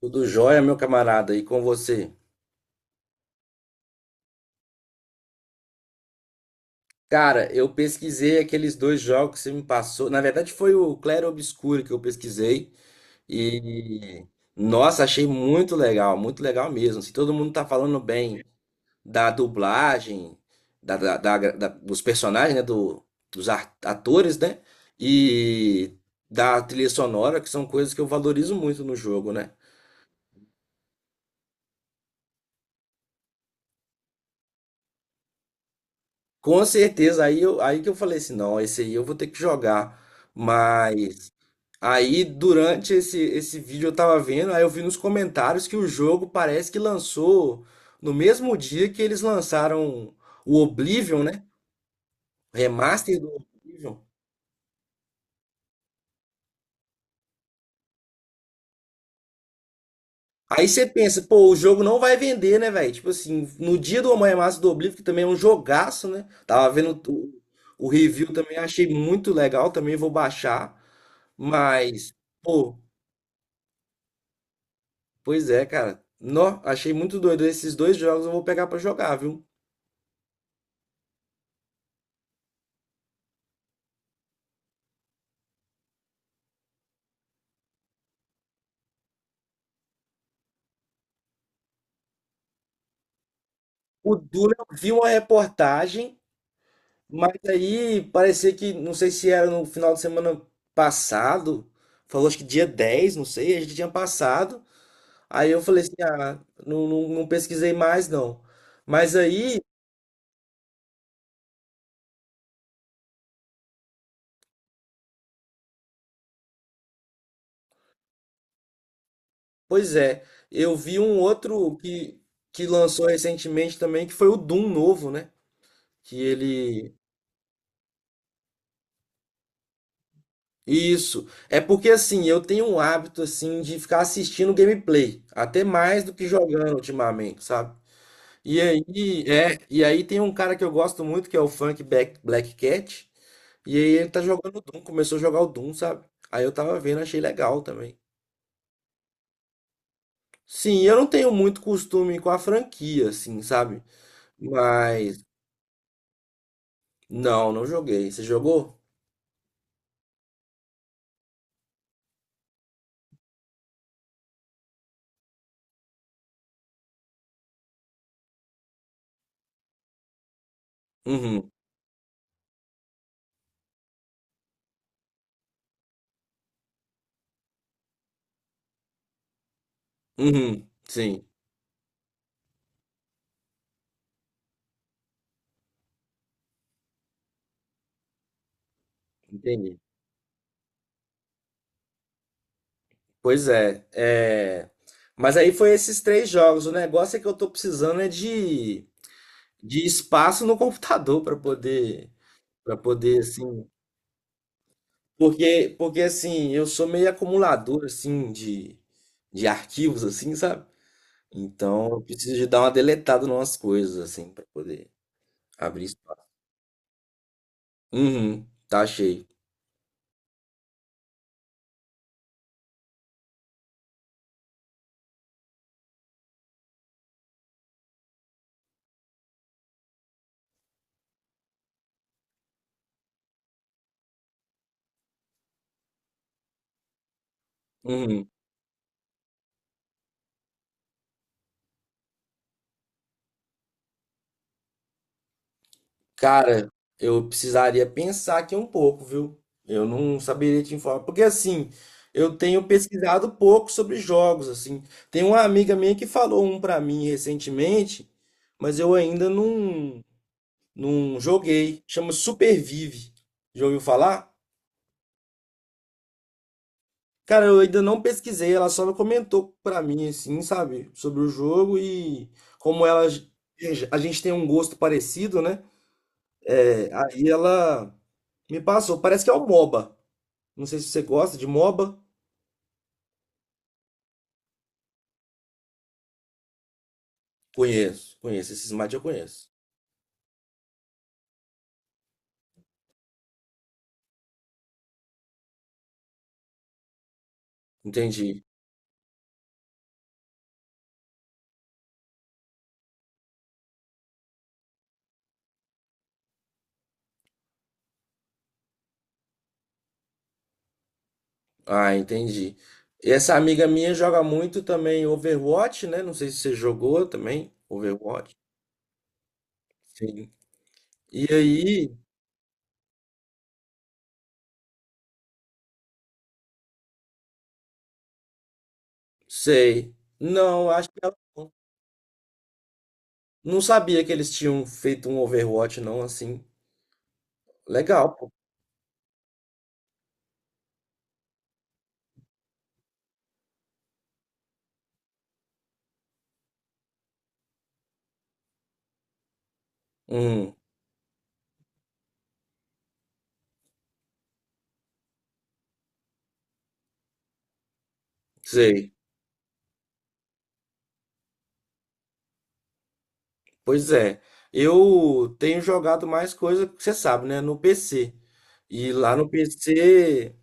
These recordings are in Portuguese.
Tudo jóia, meu camarada, e com você? Cara, eu pesquisei aqueles dois jogos que você me passou. Na verdade, foi o Claro Obscuro que eu pesquisei. E, nossa, achei muito legal mesmo. Se todo mundo tá falando bem da dublagem, dos personagens, né? dos atores, né? E da trilha sonora, que são coisas que eu valorizo muito no jogo, né? Com certeza, aí que eu falei assim, não, esse aí eu vou ter que jogar. Mas. Aí, durante esse vídeo eu tava vendo, aí eu vi nos comentários que o jogo parece que lançou no mesmo dia que eles lançaram o Oblivion, né? O Remaster do Oblivion. Aí você pensa, pô, o jogo não vai vender, né, velho? Tipo assim, no dia do remaster do Oblivion, que também é um jogaço, né? Tava vendo o review também, achei muito legal, também vou baixar. Mas, pô, pois é, cara. Nó, achei muito doido. Esses dois jogos eu vou pegar pra jogar, viu? O Duna, eu vi uma reportagem, mas aí parecia que, não sei se era no final de semana passado, falou acho que dia 10, não sei, a gente tinha passado. Aí eu falei assim, ah, não, não, não pesquisei mais não. Mas aí, pois é, eu vi um outro que lançou recentemente também, que foi o Doom novo, né? Que ele... Isso. É porque assim, eu tenho um hábito assim de ficar assistindo gameplay, até mais do que jogando ultimamente, sabe? E aí, e aí tem um cara que eu gosto muito, que é o Funk Black, Black Cat, e aí ele tá jogando Doom, começou a jogar o Doom, sabe? Aí eu tava vendo, achei legal também. Sim, eu não tenho muito costume com a franquia, assim, sabe? Mas, não, não joguei. Você jogou? Uhum, uhum, sim, entendi. Pois é. Mas aí foi esses três jogos. O negócio é que eu tô precisando é de espaço no computador pra poder, para poder, assim... Porque assim, eu sou meio acumulador assim de arquivos assim, sabe? Então, eu preciso de dar uma deletada em umas coisas assim pra poder abrir espaço. Uhum, tá cheio. Uhum. Cara, eu precisaria pensar aqui um pouco, viu? Eu não saberia te informar, porque assim, eu tenho pesquisado pouco sobre jogos assim. Tem uma amiga minha que falou um pra mim recentemente, mas eu ainda não. Não joguei. Chama Supervive. Já ouviu falar? Cara, eu ainda não pesquisei. Ela só comentou pra mim, assim, sabe? Sobre o jogo e como ela. A gente tem um gosto parecido, né? É, aí ela me passou. Parece que é o MOBA. Não sei se você gosta de MOBA. Conheço, conheço. Esses mates eu conheço. Entendi. Ah, entendi. Essa amiga minha joga muito também Overwatch, né? Não sei se você jogou também. Overwatch. Sim. E aí. Sei. Não, acho que ela não. Não sabia que eles tinham feito um Overwatch, não, assim. Legal, pô. Hum, sei. Pois é. Eu tenho jogado mais coisa, que você sabe, né? No PC. E lá no PC,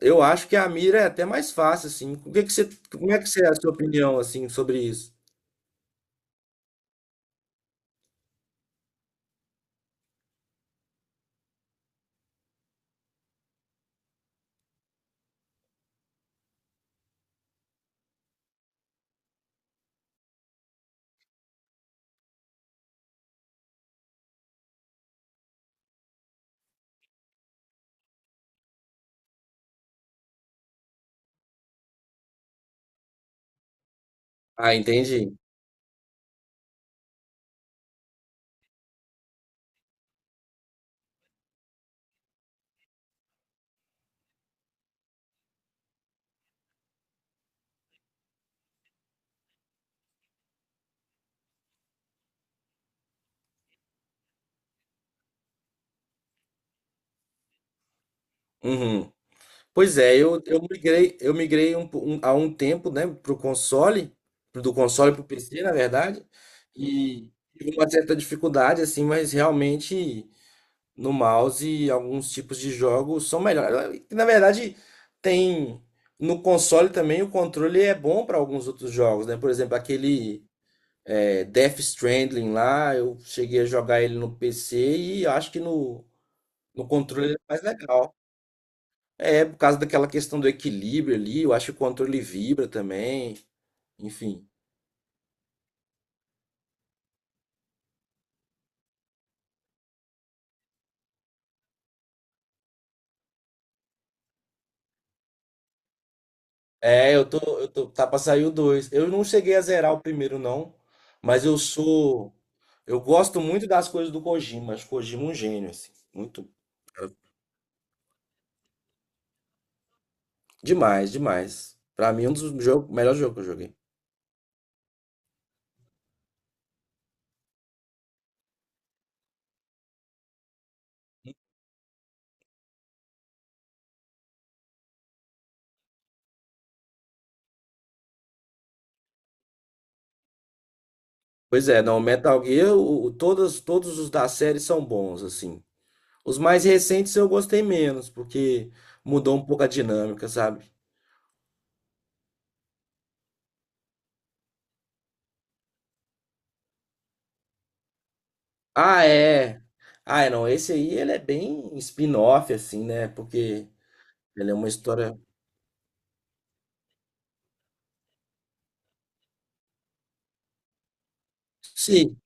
eu acho que a mira é até mais fácil, assim. O que que você, como é que você é a sua opinião, assim, sobre isso? Ah, entendi. Uhum. Pois é, eu migrei há um tempo, né, pro console, do console pro PC, na verdade, e tive uma certa dificuldade, assim, mas realmente no mouse alguns tipos de jogos são melhores. Na verdade, tem no console também o controle é bom para alguns outros jogos, né? Por exemplo, aquele Death Stranding lá, eu cheguei a jogar ele no PC e eu acho que no controle ele é mais legal. É, por causa daquela questão do equilíbrio ali, eu acho que o controle vibra também, enfim. É, tá pra sair o 2. Eu não cheguei a zerar o primeiro, não, mas eu gosto muito das coisas do Kojima, acho o Kojima um gênio, assim, muito, demais, demais. Pra mim, um dos jogos, melhor jogo que eu joguei. Pois é, não, Metal Gear, todos os da série são bons, assim. Os mais recentes eu gostei menos, porque mudou um pouco a dinâmica, sabe? Ah, é. Ah, é, não, esse aí ele é bem spin-off, assim, né? Porque ele é uma história. Sim,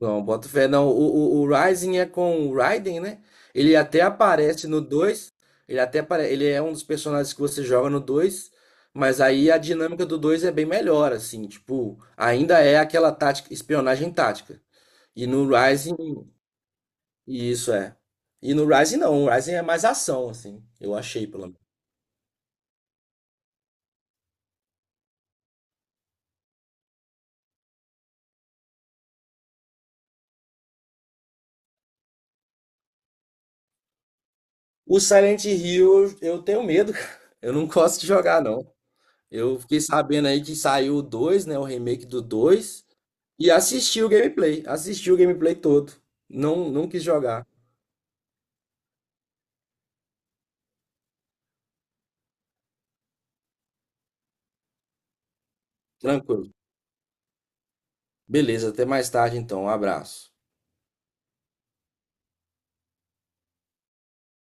não, bota fé, não. O Rising é com o Raiden, né? Ele até aparece no dois. Ele é um dos personagens que você joga no 2. Mas aí a dinâmica do 2 é bem melhor, assim. Tipo, ainda é aquela tática, espionagem tática. E no Rising, isso é. E no Rising não, o Rising é mais ação, assim. Eu achei, pelo. O Silent Hill, eu tenho medo, cara. Eu não gosto de jogar, não. Eu fiquei sabendo aí que saiu o 2, né? O remake do dois. E assisti o gameplay. Assisti o gameplay todo. Não, não quis jogar. Tranquilo. Beleza, até mais tarde então. Um abraço.